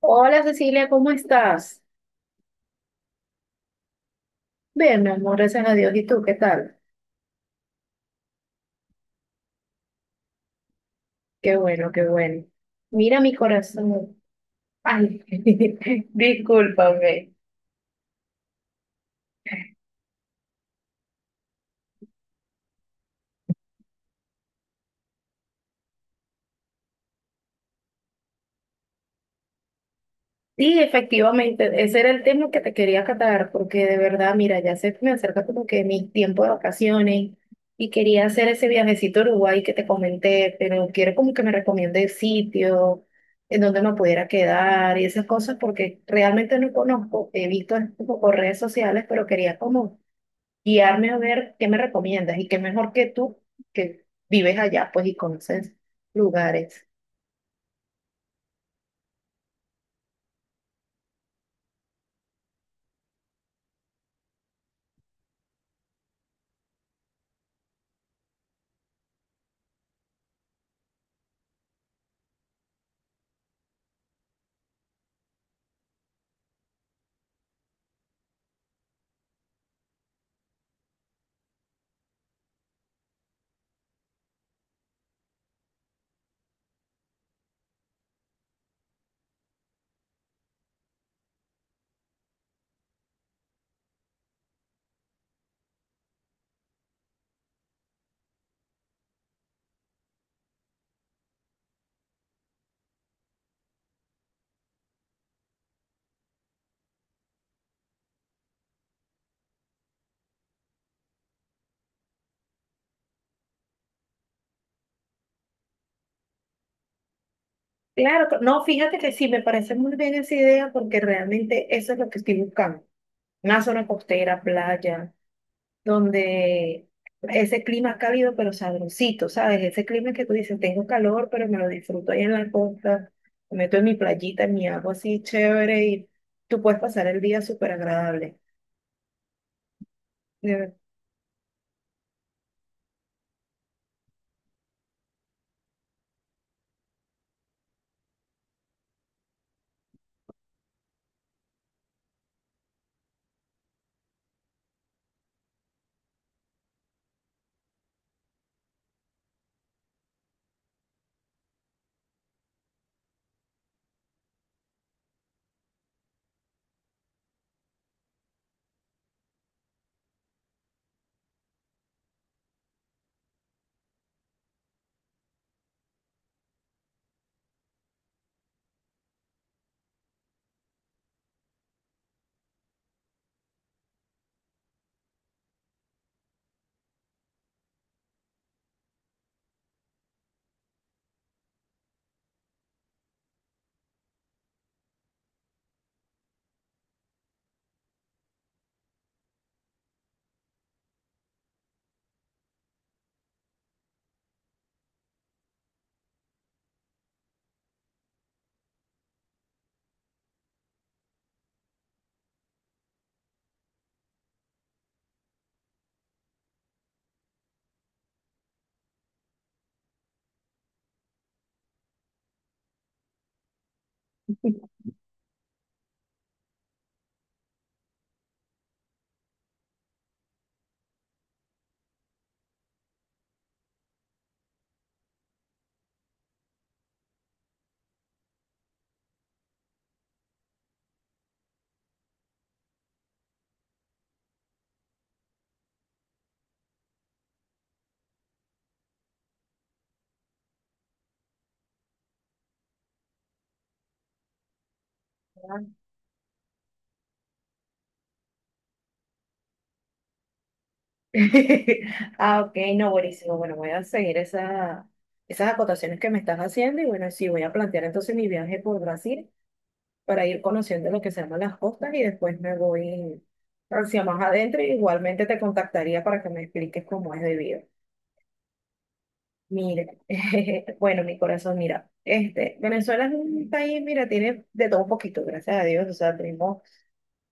Hola Cecilia, ¿cómo estás? Bien, mi amor, gracias a Dios. ¿Y tú qué tal? Qué bueno, qué bueno. Mira mi corazón. Ay, discúlpame. Sí, efectivamente, ese era el tema que te quería catar, porque de verdad, mira, ya se me acerca como que mi tiempo de vacaciones y quería hacer ese viajecito a Uruguay que te comenté, pero quiero como que me recomiende sitio, en donde me pudiera quedar y esas cosas, porque realmente no conozco. He visto como por redes sociales, pero quería como guiarme a ver qué me recomiendas y qué mejor que tú que vives allá, pues, y conoces lugares. Claro, no, fíjate que sí, me parece muy bien esa idea porque realmente eso es lo que estoy buscando. Una zona costera, playa, donde ese clima cálido pero sabrosito, ¿sabes? Ese clima que tú dices, tengo calor, pero me lo disfruto ahí en la costa, me meto en mi playita, en mi agua así chévere y tú puedes pasar el día súper agradable. De verdad. Ah, ok, no, buenísimo. Bueno, voy a seguir esa, esas acotaciones que me estás haciendo y bueno, sí, voy a plantear entonces mi viaje por Brasil para ir conociendo lo que se llaman las costas y después me voy hacia más adentro y igualmente te contactaría para que me expliques cómo es debido. Mire, bueno, mi corazón, mira, este, Venezuela es un país, mira, tiene de todo un poquito, gracias a Dios, o sea, tenemos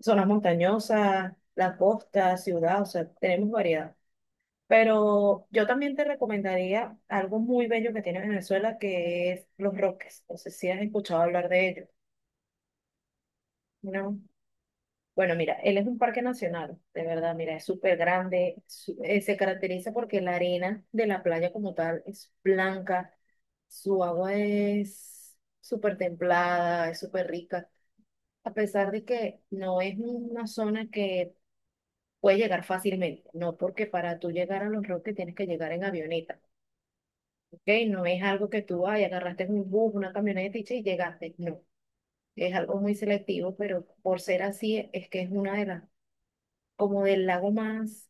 zonas montañosas, la costa, ciudad, o sea, tenemos variedad. Pero yo también te recomendaría algo muy bello que tiene Venezuela, que es Los Roques. No sé si has escuchado hablar de ello, ¿no? Bueno, mira, él es un parque nacional, de verdad, mira, es súper grande, se caracteriza porque la arena de la playa como tal es blanca, su agua es súper templada, es súper rica, a pesar de que no es una zona que puede llegar fácilmente, no, porque para tú llegar a Los Roques tienes que llegar en avioneta, ¿ok? No es algo que tú ay, agarraste un bus, una camioneta y sí, llegaste. No, es algo muy selectivo, pero por ser así, es que es una de las, como del lago más,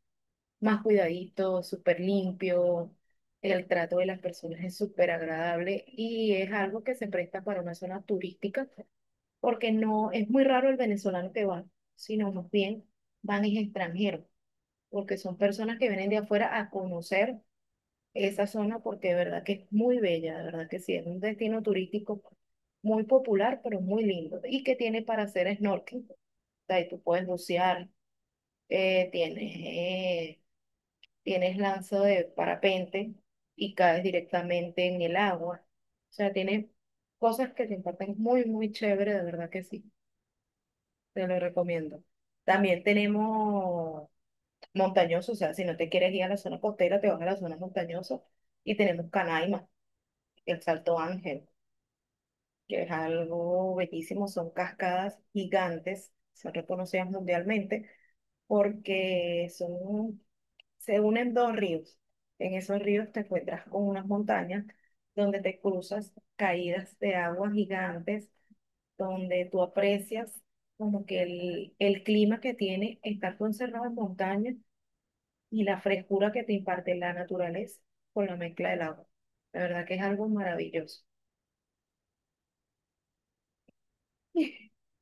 más cuidadito, súper limpio. El trato de las personas es súper agradable y es algo que se presta para una zona turística, porque no es muy raro el venezolano que va, sino más bien van es extranjeros, porque son personas que vienen de afuera a conocer esa zona porque de verdad que es muy bella, de verdad que sí, es un destino turístico muy popular, pero muy lindo. ¿Y que tiene para hacer snorkeling? O sea, y tú puedes bucear, eh, tienes, eh, tienes lanza de parapente y caes directamente en el agua. O sea, tiene cosas que te imparten muy, muy chévere, de verdad que sí, te lo recomiendo. También tenemos montañosos, o sea, si no te quieres ir a la zona costera, te vas a la zona montañosa y tenemos Canaima, el Salto Ángel, que es algo bellísimo, son cascadas gigantes, son reconocidas mundialmente porque son, se unen dos ríos. En esos ríos te encuentras con unas montañas donde te cruzas caídas de agua gigantes, donde tú aprecias como que el clima que tiene estar conservado en montaña y la frescura que te imparte la naturaleza con la mezcla del agua. La verdad que es algo maravilloso.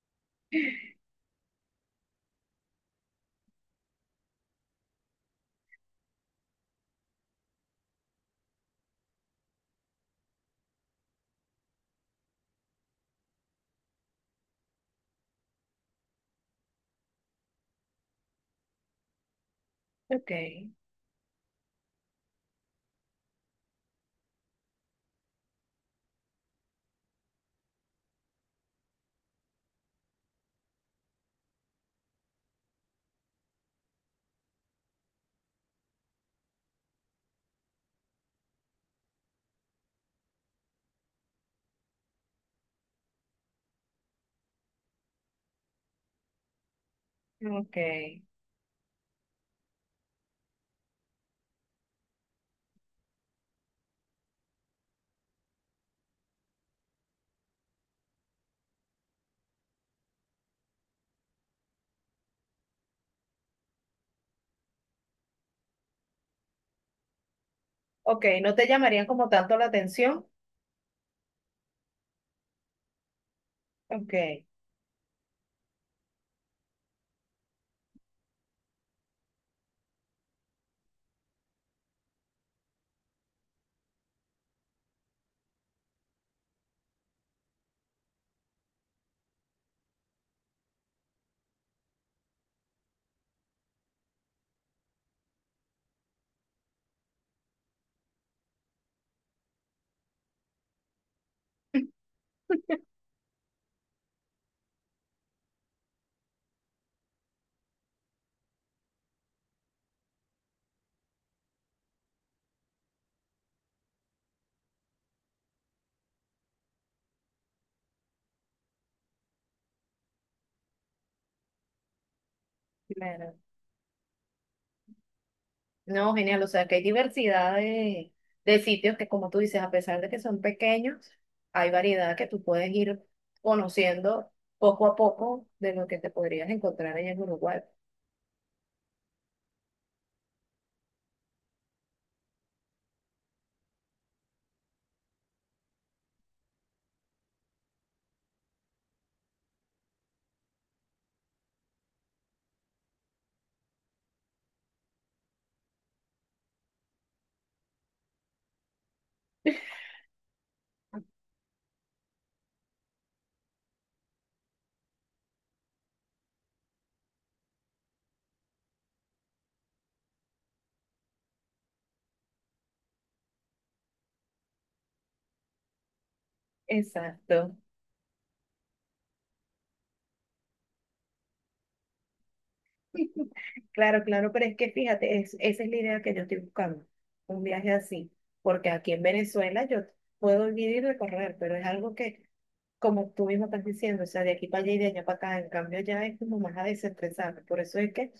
Ok. Ok, ok, no te llamarían como tanto la atención. Ok, claro. No, genial, o sea que hay diversidad de sitios que como tú dices, a pesar de que son pequeños, hay variedad que tú puedes ir conociendo poco a poco de lo que te podrías encontrar allá en Uruguay. Exacto. Claro, claro, pero es que fíjate, es, esa es la idea que yo estoy buscando, un viaje así, porque aquí en Venezuela yo puedo vivir y recorrer, pero es algo que, como tú mismo estás diciendo, o sea, de aquí para allá y de allá para acá, en cambio ya es como más a desestresarme, por eso es que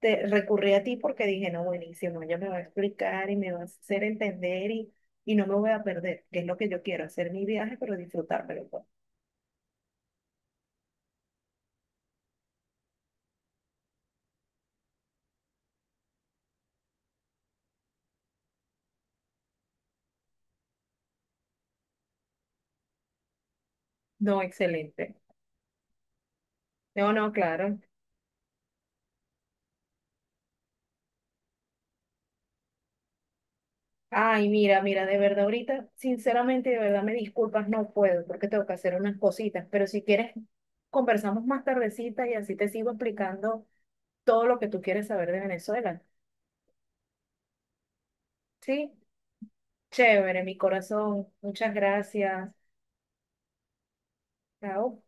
te recurrí a ti porque dije, no, buenísimo, ella me va a explicar y me va a hacer entender y no me voy a perder, que es lo que yo quiero, hacer mi viaje, pero disfrutármelo, pues. No, excelente. No, no, claro. Ay, mira, mira, de verdad, ahorita, sinceramente, de verdad, me disculpas, no puedo porque tengo que hacer unas cositas, pero si quieres, conversamos más tardecita y así te sigo explicando todo lo que tú quieres saber de Venezuela. ¿Sí? Chévere, mi corazón. Muchas gracias. Chao.